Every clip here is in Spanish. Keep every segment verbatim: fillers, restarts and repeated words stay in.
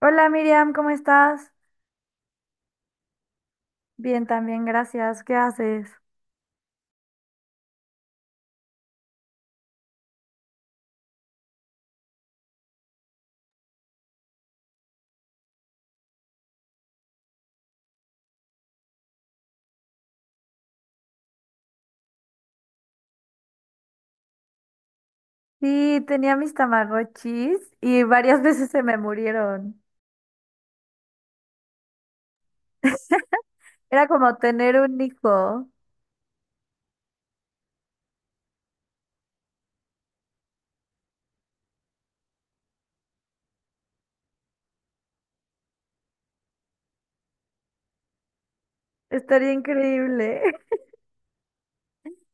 Hola Miriam, ¿cómo estás? Bien, también, gracias. ¿Qué haces? Sí, tenía mis Tamagotchis y varias veces se me murieron. Era como tener un hijo. Estaría increíble.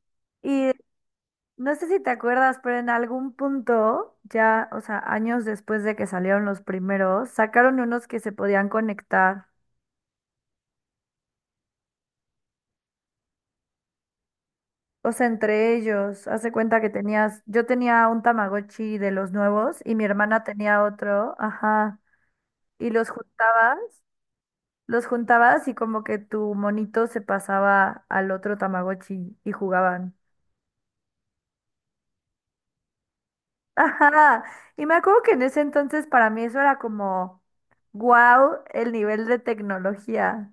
Y no sé si te acuerdas, pero en algún punto, ya, o sea, años después de que salieron los primeros, sacaron unos que se podían conectar. O sea, entre ellos, hace cuenta que tenías, yo tenía un Tamagotchi de los nuevos y mi hermana tenía otro, ajá, y los juntabas. Los juntabas y como que tu monito se pasaba al otro Tamagotchi y jugaban. Ajá. Y me acuerdo que en ese entonces para mí eso era como wow, el nivel de tecnología.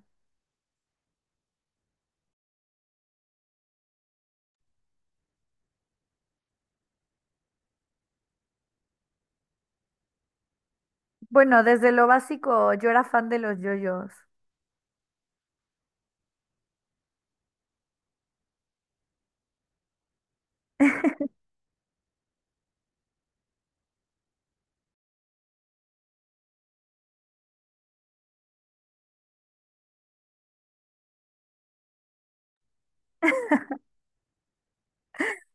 Bueno, desde lo básico yo era fan de los yoyos.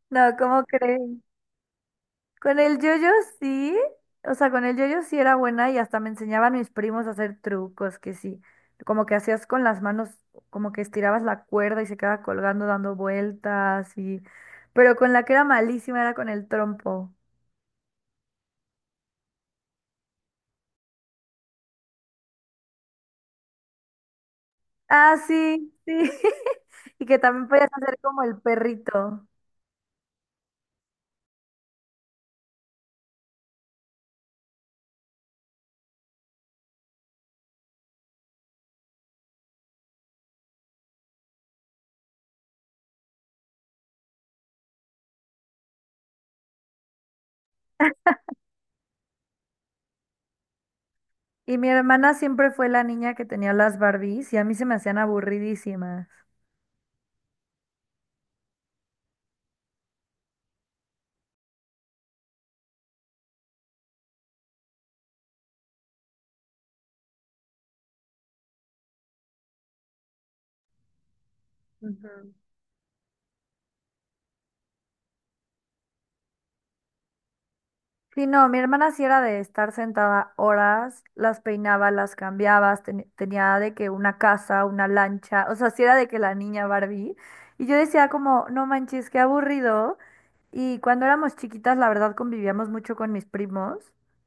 No, ¿cómo crees? Con el yoyo sí, o sea, con el yoyo sí era buena y hasta me enseñaban mis primos a hacer trucos que sí, como que hacías con las manos, como que estirabas la cuerda y se quedaba colgando dando vueltas y, pero con la que era malísima era con el trompo. Ah, sí, sí. Y que también podías hacer como el perrito. Y mi hermana siempre fue la niña que tenía las Barbies y a mí se me hacían aburridísimas. Ujú. Sí, no, mi hermana sí era de estar sentada horas, las peinaba, las cambiabas, ten- tenía de que una casa, una lancha, o sea, sí era de que la niña Barbie. Y yo decía como, no manches, qué aburrido. Y cuando éramos chiquitas, la verdad, convivíamos mucho con mis primos.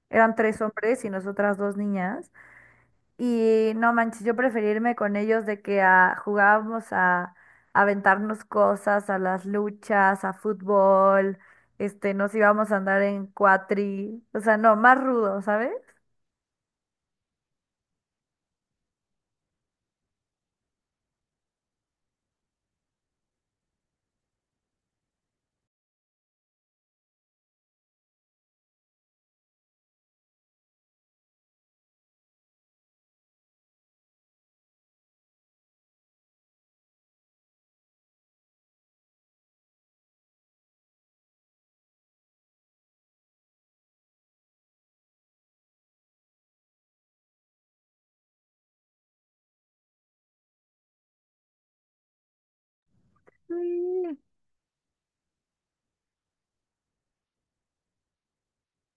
Eran tres hombres y nosotras dos niñas. Y no manches, yo preferirme con ellos de que a- jugábamos a, a aventarnos cosas, a las luchas, a fútbol, este, nos íbamos a andar en cuatri, o sea, no, más rudo, ¿sabes? Sí.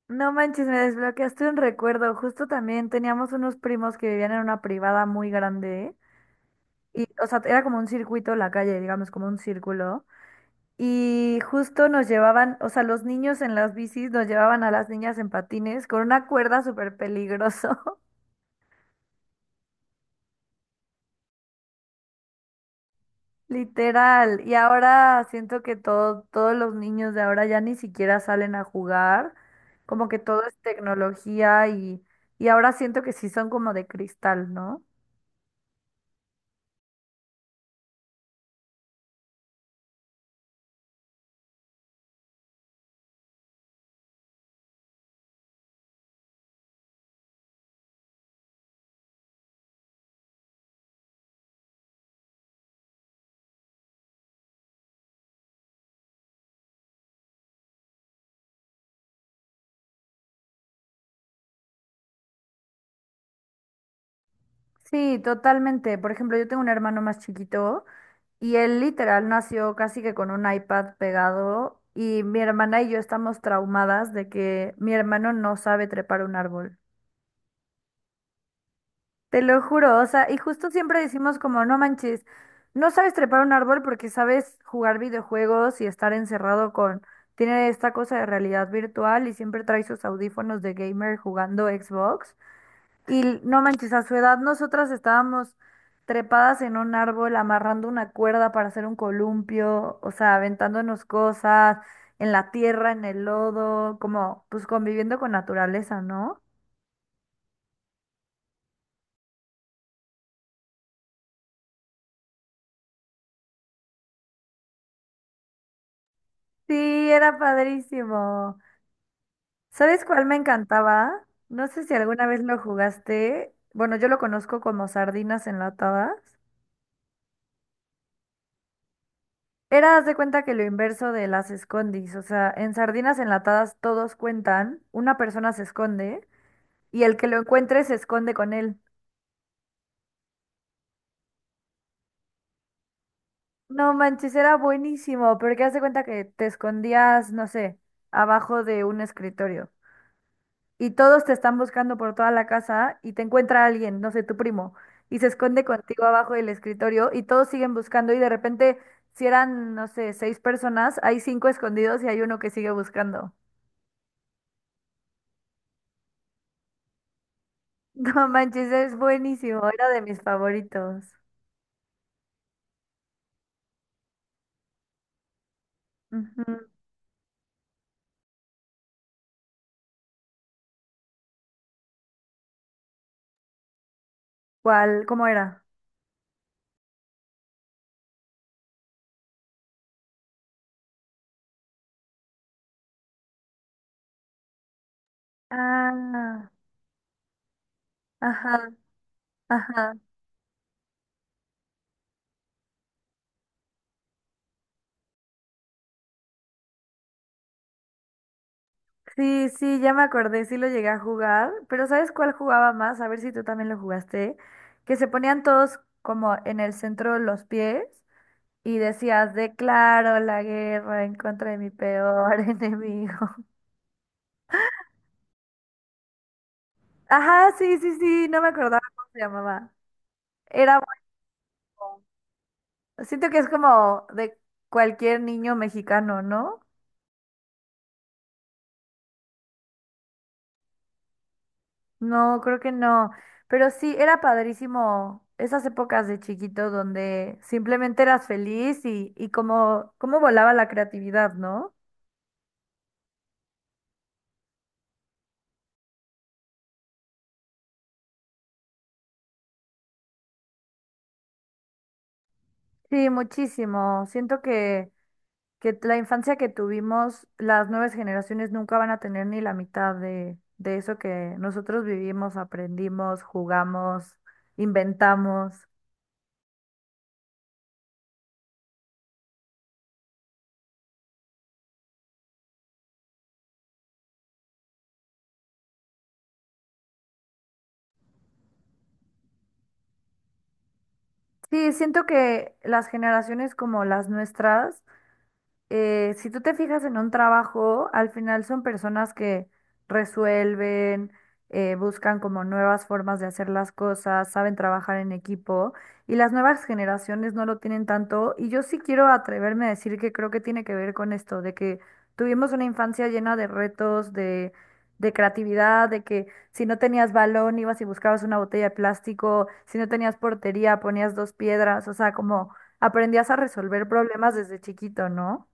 No manches, me desbloqueaste un recuerdo. Justo también teníamos unos primos que vivían en una privada muy grande y, o sea, era como un circuito la calle, digamos, como un círculo. Y justo nos llevaban, o sea, los niños en las bicis nos llevaban a las niñas en patines con una cuerda súper peligroso, literal. Y ahora siento que todo, todos los niños de ahora ya ni siquiera salen a jugar, como que todo es tecnología y, y ahora siento que sí son como de cristal, ¿no? Sí, totalmente. Por ejemplo, yo tengo un hermano más chiquito. Y él literal nació casi que con un iPad pegado y mi hermana y yo estamos traumadas de que mi hermano no sabe trepar un árbol. Te lo juro, o sea, y justo siempre decimos como, no manches, no sabes trepar un árbol porque sabes jugar videojuegos y estar encerrado con, tiene esta cosa de realidad virtual y siempre trae sus audífonos de gamer jugando Xbox. Y no manches, a su edad nosotras estábamos trepadas en un árbol, amarrando una cuerda para hacer un columpio, o sea, aventándonos cosas en la tierra, en el lodo, como pues conviviendo con naturaleza, ¿no? Sí, era padrísimo. ¿Sabes cuál me encantaba? No sé si alguna vez lo jugaste. Bueno, yo lo conozco como sardinas enlatadas. Era, haz de cuenta que lo inverso de las escondis, o sea, en sardinas enlatadas todos cuentan, una persona se esconde y el que lo encuentre se esconde con él. No manches, era buenísimo, porque haz de cuenta que te escondías, no sé, abajo de un escritorio y todos te están buscando por toda la casa y te encuentra alguien, no sé, tu primo, y se esconde contigo abajo del escritorio y todos siguen buscando y de repente, si eran, no sé, seis personas, hay cinco escondidos y hay uno que sigue buscando. No manches, es buenísimo, era de mis favoritos. Ujú. ¿Cuál? ¿Cómo era? Ah, ajá, ajá. Sí, sí, ya me acordé, sí lo llegué a jugar, pero ¿sabes cuál jugaba más? A ver si tú también lo jugaste. Que se ponían todos como en el centro de los pies y decías, declaro la guerra en contra de mi peor enemigo. Ajá, sí, sí, sí, no me acordaba cómo se llamaba. Era bueno. Siento que es como de cualquier niño mexicano, ¿no? No, creo que no. Pero sí, era padrísimo esas épocas de chiquito donde simplemente eras feliz y, y cómo, cómo volaba la creatividad, ¿no? Sí, muchísimo. Siento que, que la infancia que tuvimos, las nuevas generaciones nunca van a tener ni la mitad de, de eso que nosotros vivimos, aprendimos, jugamos, inventamos. Sí, siento que las generaciones como las nuestras, eh, si tú te fijas en un trabajo, al final son personas que resuelven, eh, buscan como nuevas formas de hacer las cosas, saben trabajar en equipo y las nuevas generaciones no lo tienen tanto. Y yo sí quiero atreverme a decir que creo que tiene que ver con esto, de que tuvimos una infancia llena de retos, de... de creatividad, de que si no tenías balón ibas y buscabas una botella de plástico, si no tenías portería ponías dos piedras, o sea, como aprendías a resolver problemas desde chiquito, ¿no?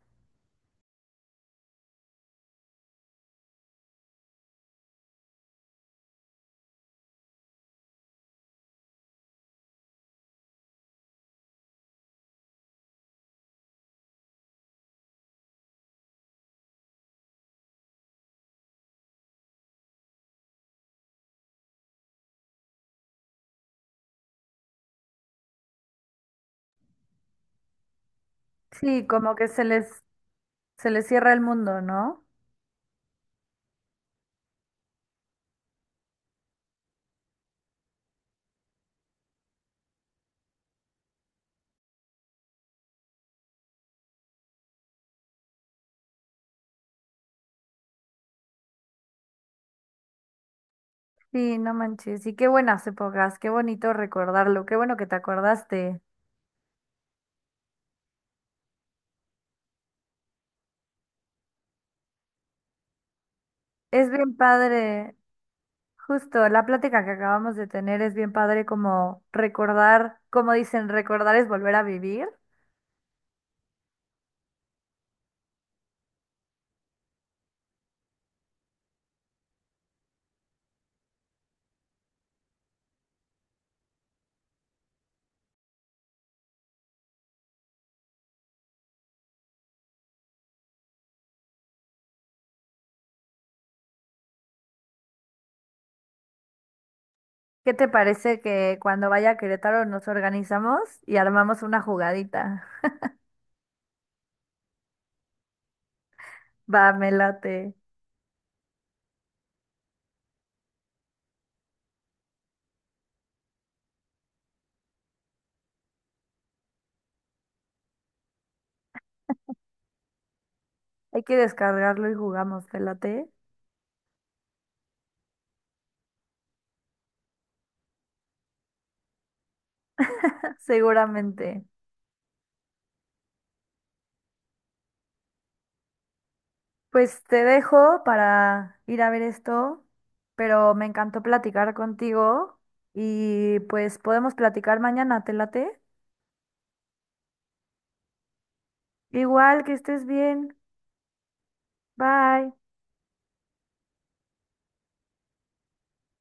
Sí, como que se les, se les cierra el mundo, ¿no? Sí, no manches. Y qué buenas épocas, qué bonito recordarlo, qué bueno que te acordaste. Es bien padre, justo la plática que acabamos de tener es bien padre como recordar, como dicen, recordar es volver a vivir. ¿Qué te parece que cuando vaya a Querétaro nos organizamos y armamos una jugadita? Va, me late. Hay que descargarlo y jugamos, ¿te late? Seguramente. Pues te dejo para ir a ver esto, pero me encantó platicar contigo y pues podemos platicar mañana, ¿te late? Igual que estés bien. Bye.